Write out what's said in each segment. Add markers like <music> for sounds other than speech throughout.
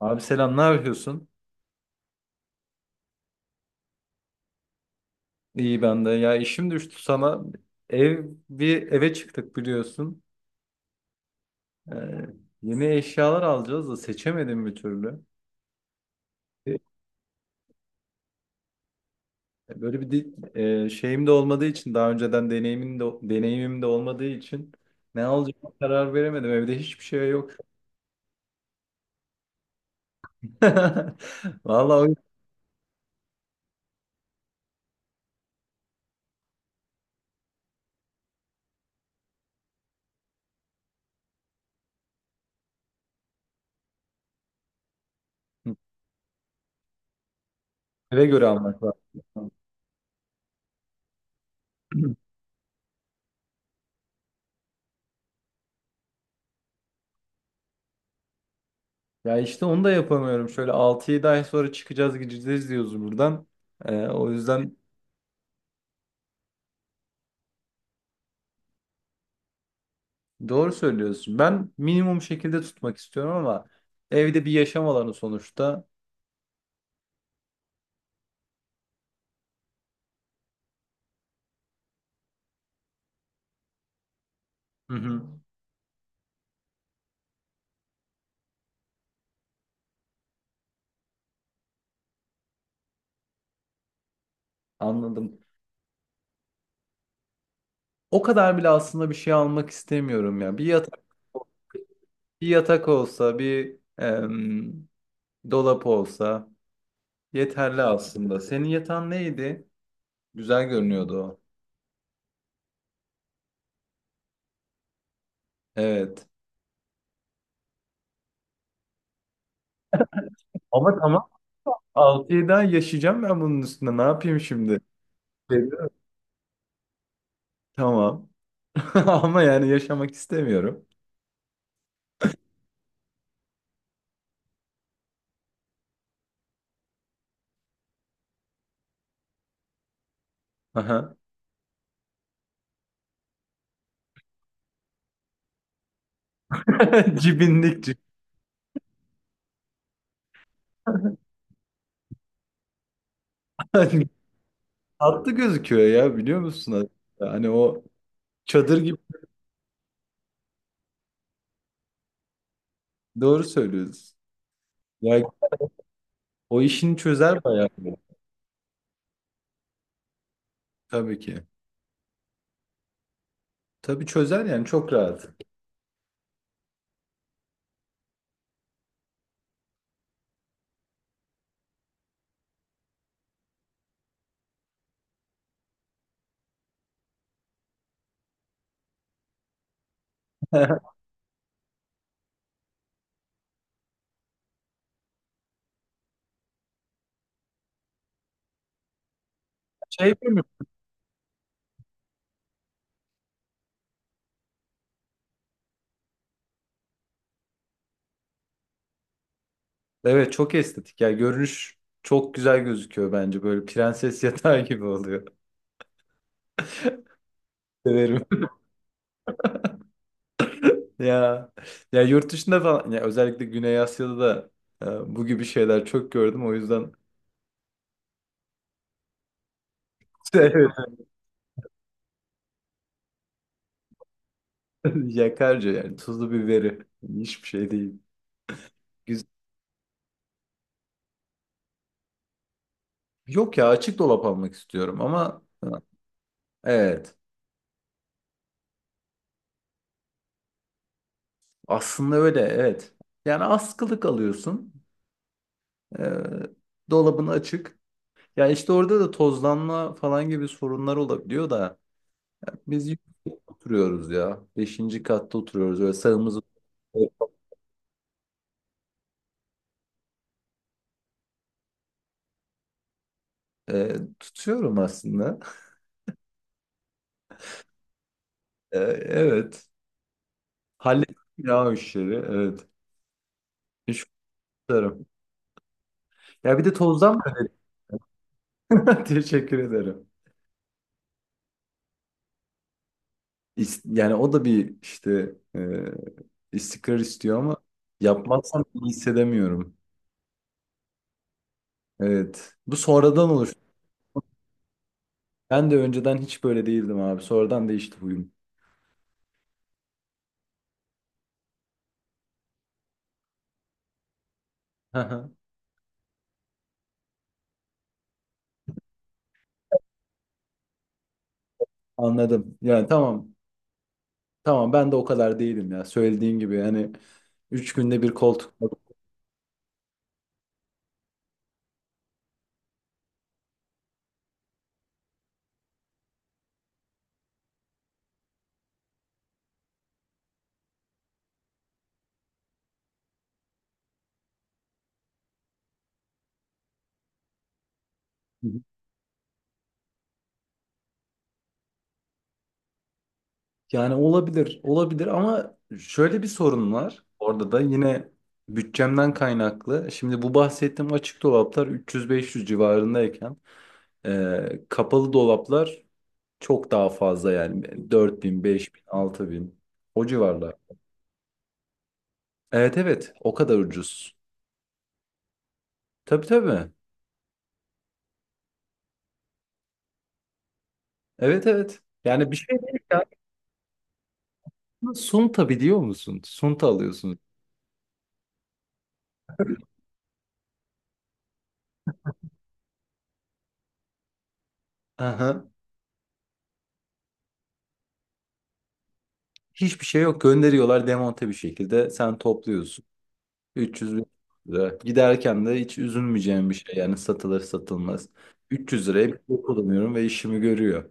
Abi selam, ne yapıyorsun? İyi ben de. Ya işim düştü sana. Ev Bir eve çıktık biliyorsun. Ee, Yeni eşyalar alacağız da seçemedim bir türlü. Ee, Böyle bir di- e, Şeyim de olmadığı için daha önceden deneyimin de deneyimim de olmadığı için ne alacağıma karar veremedim. Evde hiçbir şey yok. <laughs> Vallahi o yüzden eve göre almak lazım. <clears throat> Ya işte onu da yapamıyorum. Şöyle 6-7 ay sonra çıkacağız gideceğiz diyoruz buradan. O yüzden doğru söylüyorsun. Ben minimum şekilde tutmak istiyorum ama evde bir yaşam alanı sonuçta. Hı hı. Anladım. O kadar bile aslında bir şey almak istemiyorum ya. Bir yatak olsa, dolap olsa yeterli aslında. Senin yatan neydi? Güzel görünüyordu o. Evet. Ama tamam. 6-7 ay yaşayacağım ben bunun üstüne. Ne yapayım şimdi? Seviyorum. Tamam. <laughs> Ama yani yaşamak istemiyorum. Aha. <laughs> Cibinlik. <laughs> Tatlı gözüküyor ya biliyor musun aslında? Hani o çadır gibi, doğru söylüyoruz. Ya o işini çözer bayağı. Tabii ki. Tabii çözer yani çok rahat. <laughs> Şey değil mi? Evet çok estetik. Ya görünüş çok güzel gözüküyor bence. Böyle prenses yatağı gibi oluyor. Severim. <laughs> Ya ya yurt dışında falan ya özellikle Güney Asya'da da bu gibi şeyler çok gördüm. O yüzden <laughs> evet. Yakarca yani tuzlu biberi hiçbir şey değil. Yok ya açık dolap almak istiyorum ama evet, aslında öyle evet. Yani askılık alıyorsun, ee, dolabın açık. Ya işte orada da tozlanma falan gibi sorunlar olabiliyor da biz yüksek oturuyoruz ya. Beşinci katta oturuyoruz öyle sağımızı... Tutuyorum aslında. Evet, hallettim ya o işleri, evet. Teşekkür ederim. Ya bir de tozdan... <laughs> Teşekkür ederim. Yani o da bir işte, İstikrar istiyor ama yapmazsam iyi hissedemiyorum. Evet. Bu sonradan olur. Ben de önceden hiç böyle değildim abi. Sonradan değişti huyum. Hı hı. Anladım. Yani tamam. Tamam, ben de o kadar değilim ya. Söylediğin gibi hani üç günde bir koltuk. Hı hı. Yani olabilir. Olabilir ama şöyle bir sorun var. Orada da yine bütçemden kaynaklı. Şimdi bu bahsettiğim açık dolaplar 300-500 civarındayken kapalı dolaplar çok daha fazla, yani 4.000, 5.000, 6.000, o civarlar. Evet evet, o kadar ucuz. Tabii tabii. Evet evet. Yani bir şey değil ya. Sunta biliyor musun? Sunta alıyorsun. Aha. Hiçbir şey yok. Gönderiyorlar demonte bir şekilde. Sen topluyorsun. 300 bin lira. Giderken de hiç üzülmeyeceğim bir şey. Yani satılır satılmaz. 300 liraya bir şey kullanıyorum ve işimi görüyor.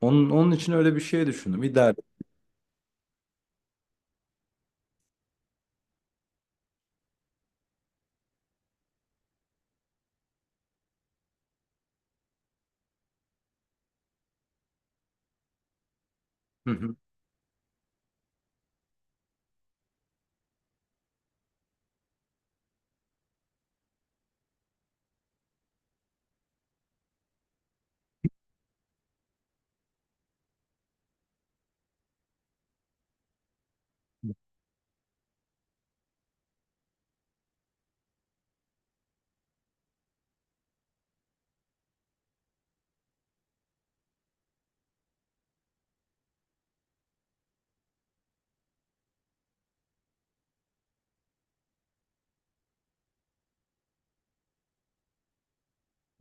Onun için öyle bir şey düşündüm. İdare. Hı hı.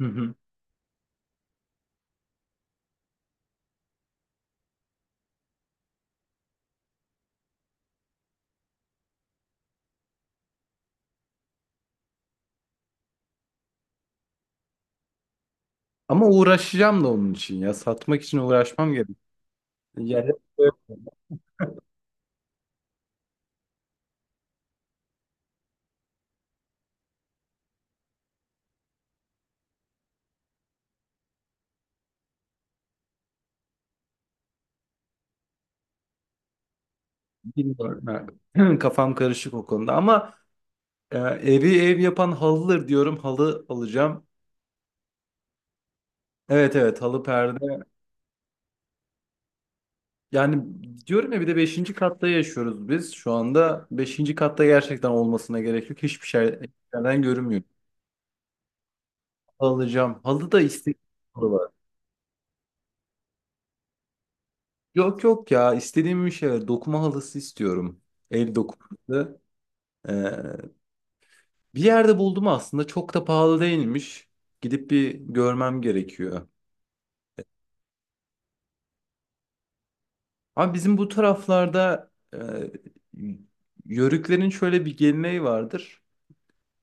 Hı hı. Ama uğraşacağım da onun için ya. Satmak için uğraşmam gerek. Yani bilmiyorum. Ha. <clears throat> Kafam karışık o konuda ama evi ev yapan halıdır diyorum. Halı alacağım. Evet evet, halı perde. Yani diyorum ya, bir de beşinci katta yaşıyoruz biz. Şu anda beşinci katta gerçekten olmasına gerek yok. Hiçbir şey şeyden görünmüyor. Alacağım. Halı da istediğim halı var. Yok yok ya, istediğim bir şey var. Dokuma halısı istiyorum. El dokuması. Bir yerde buldum aslında, çok da pahalı değilmiş. Gidip bir görmem gerekiyor. Ama bizim bu taraflarda yörüklerin şöyle bir geleneği vardır.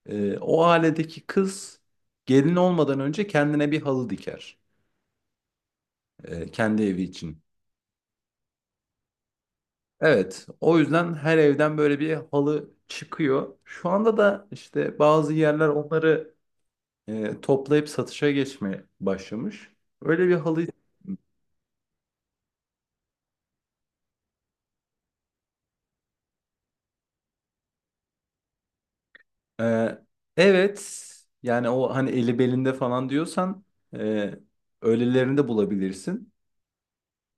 O ailedeki kız gelin olmadan önce kendine bir halı diker. Kendi evi için. Evet, o yüzden her evden böyle bir halı çıkıyor. Şu anda da işte bazı yerler onları toplayıp satışa geçmeye başlamış. Öyle bir halı... Ee, evet, yani o hani eli belinde falan diyorsan e, öylelerini de bulabilirsin.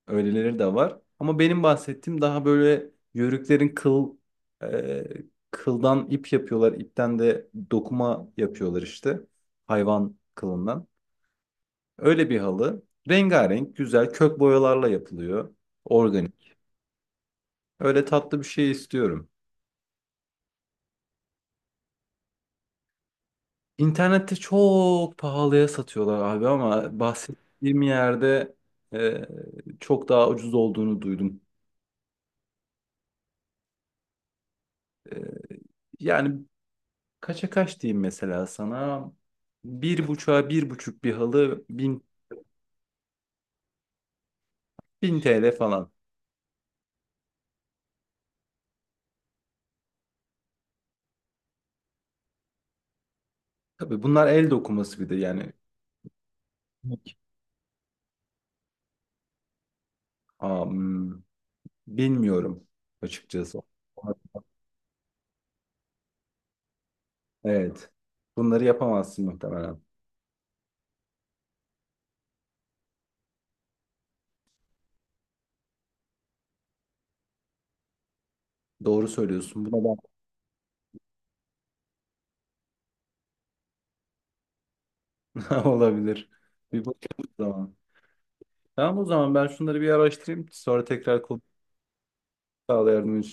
Öyleleri de var. Ama benim bahsettiğim daha böyle yörüklerin kıl, e, kıldan ip yapıyorlar, ipten de dokuma yapıyorlar işte. Hayvan kılından. Öyle bir halı. Rengarenk, güzel kök boyalarla yapılıyor. Organik. Öyle tatlı bir şey istiyorum. İnternette çok pahalıya satıyorlar abi ama bahsettiğim yerde e, çok daha ucuz olduğunu duydum. E, Yani kaça kaç diyeyim mesela sana? Bir buçuğa bir buçuk bir halı 1.000 TL falan. Tabii bunlar el dokuması bir de yani... am, Bilmiyorum açıkçası. Evet. Bunları yapamazsın muhtemelen. Doğru söylüyorsun. Buna da <laughs> olabilir. Bir bakayım o zaman. Tamam o zaman, ben şunları bir araştırayım. Sonra tekrar konuşalım. Sağ ol yardımın